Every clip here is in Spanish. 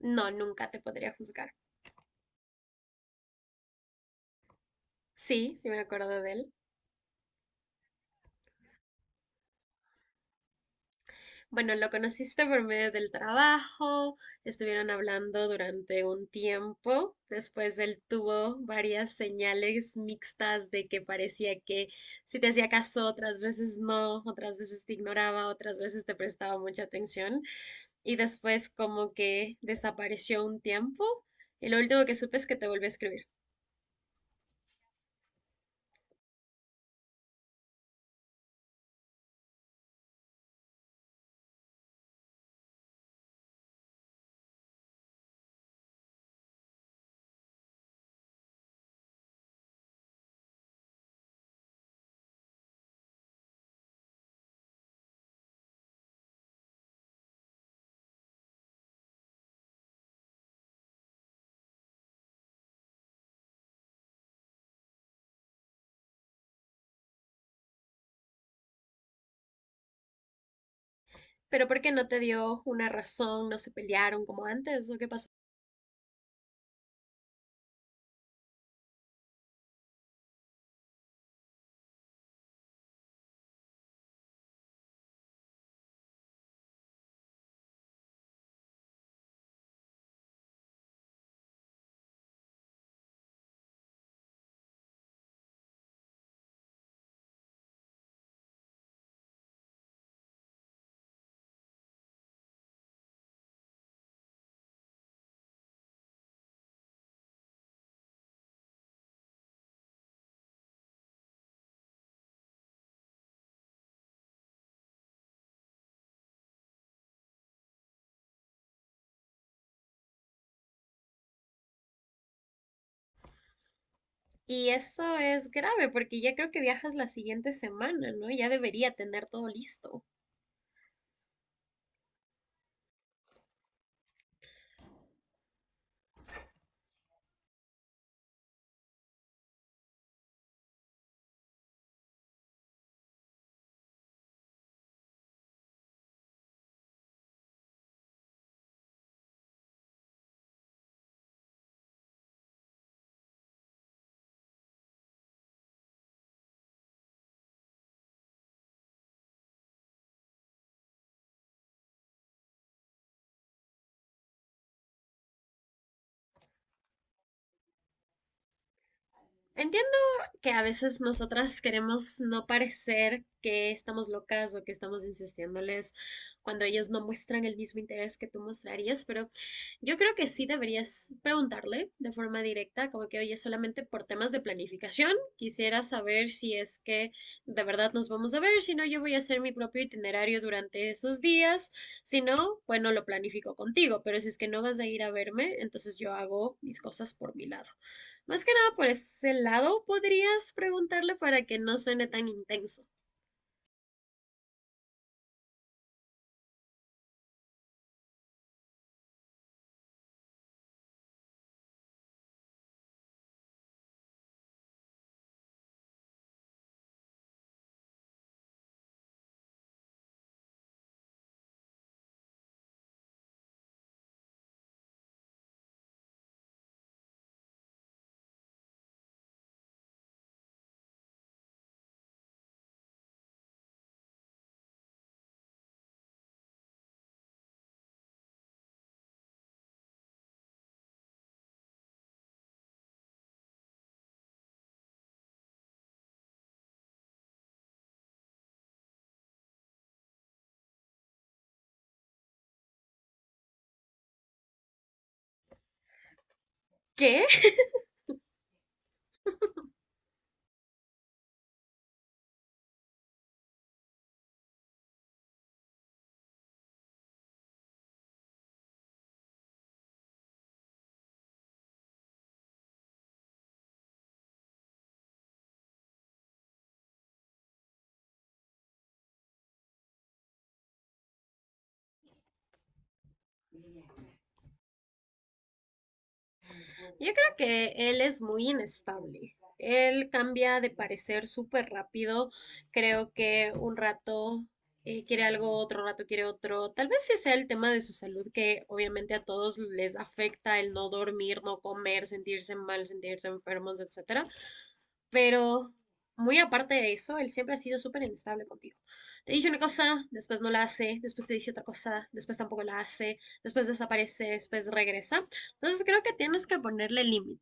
No, nunca te podría juzgar. Sí, me acuerdo de él. Bueno, lo conociste por medio del trabajo, estuvieron hablando durante un tiempo, después él tuvo varias señales mixtas de que parecía que si te hacía caso, otras veces no, otras veces te ignoraba, otras veces te prestaba mucha atención y después como que desapareció un tiempo y lo último que supe es que te volvió a escribir. Pero ¿por qué no te dio una razón? ¿No se pelearon como antes o qué pasó? Y eso es grave porque ya creo que viajas la siguiente semana, ¿no? Ya debería tener todo listo. Entiendo que a veces nosotras queremos no parecer que estamos locas o que estamos insistiéndoles cuando ellos no muestran el mismo interés que tú mostrarías, pero yo creo que sí deberías preguntarle de forma directa, como que, oye, solamente por temas de planificación, quisiera saber si es que de verdad nos vamos a ver, si no, yo voy a hacer mi propio itinerario durante esos días, si no, bueno, lo planifico contigo, pero si es que no vas a ir a verme, entonces yo hago mis cosas por mi lado. Más que nada por ese lado podrías preguntarle para que no suene tan intenso. ¿Qué? Yo creo que él es muy inestable. Él cambia de parecer súper rápido. Creo que un rato quiere algo, otro rato quiere otro. Tal vez sí sea el tema de su salud que obviamente a todos les afecta el no dormir, no comer, sentirse mal, sentirse enfermos, etcétera. Pero muy aparte de eso, él siempre ha sido súper inestable contigo. Te dice una cosa, después no la hace, después te dice otra cosa, después tampoco la hace, después desaparece, después regresa. Entonces creo que tienes que ponerle límite.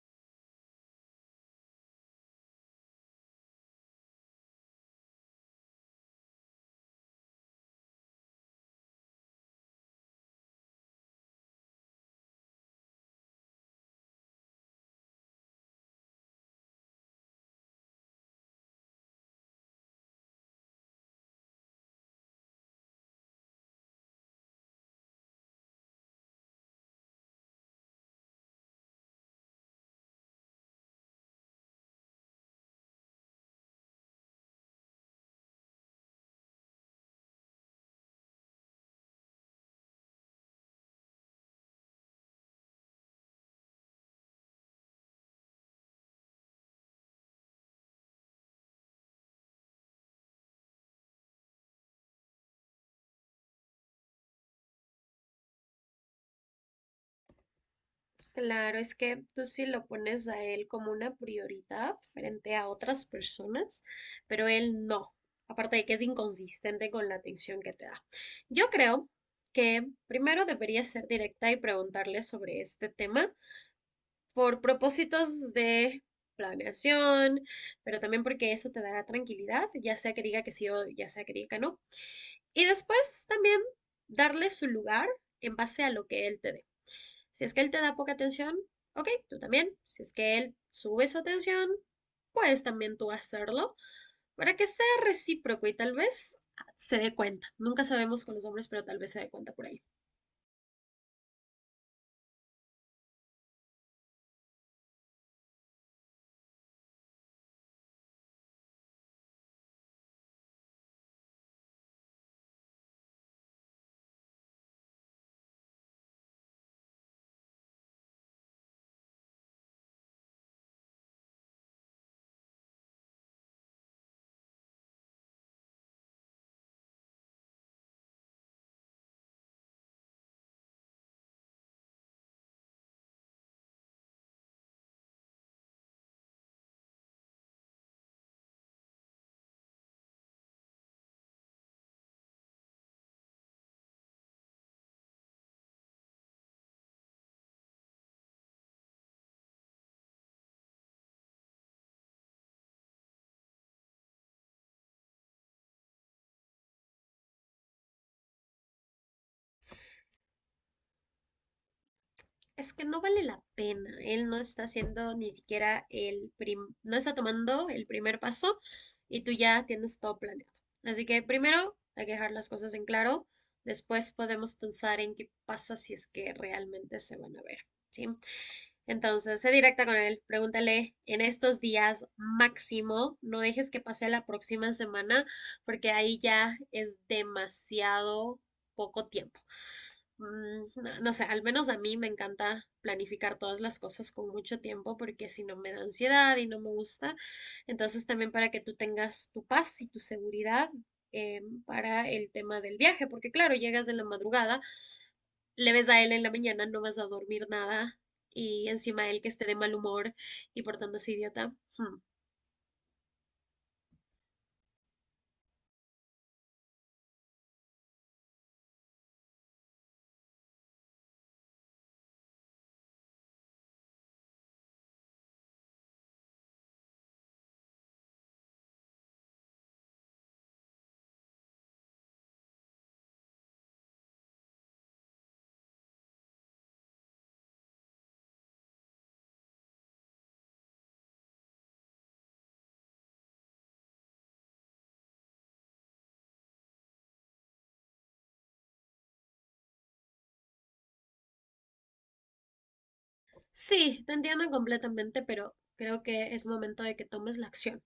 Claro, es que tú sí lo pones a él como una prioridad frente a otras personas, pero él no. Aparte de que es inconsistente con la atención que te da. Yo creo que primero deberías ser directa y preguntarle sobre este tema por propósitos de planeación, pero también porque eso te dará tranquilidad, ya sea que diga que sí o ya sea que diga que no. Y después también darle su lugar en base a lo que él te dé. Si es que él te da poca atención, ok, tú también. Si es que él sube su atención, puedes también tú hacerlo para que sea recíproco y tal vez se dé cuenta. Nunca sabemos con los hombres, pero tal vez se dé cuenta por ahí. Es que no vale la pena. Él no está haciendo ni siquiera el no está tomando el primer paso y tú ya tienes todo planeado. Así que primero hay que dejar las cosas en claro. Después podemos pensar en qué pasa si es que realmente se van a ver. ¿Sí? Entonces, sé directa con él. Pregúntale en estos días máximo. No dejes que pase la próxima semana porque ahí ya es demasiado poco tiempo. No, no sé, al menos a mí me encanta planificar todas las cosas con mucho tiempo porque si no me da ansiedad y no me gusta. Entonces también para que tú tengas tu paz y tu seguridad para el tema del viaje, porque claro, llegas de la madrugada, le ves a él en la mañana, no vas a dormir nada y encima él que esté de mal humor y portándose idiota. Hmm. Sí, te entiendo completamente, pero creo que es momento de que tomes la acción.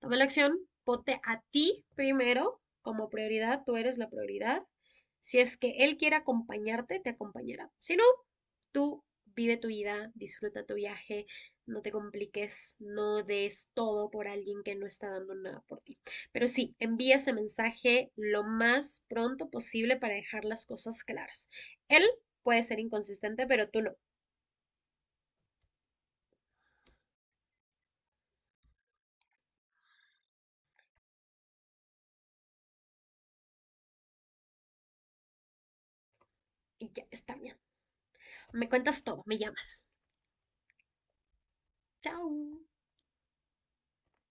Toma la acción, ponte a ti primero como prioridad, tú eres la prioridad. Si es que él quiere acompañarte, te acompañará. Si no, tú vive tu vida, disfruta tu viaje, no te compliques, no des todo por alguien que no está dando nada por ti. Pero sí, envía ese mensaje lo más pronto posible para dejar las cosas claras. Él puede ser inconsistente, pero tú no. Y ya está bien. Me cuentas todo, me llamas. Chao.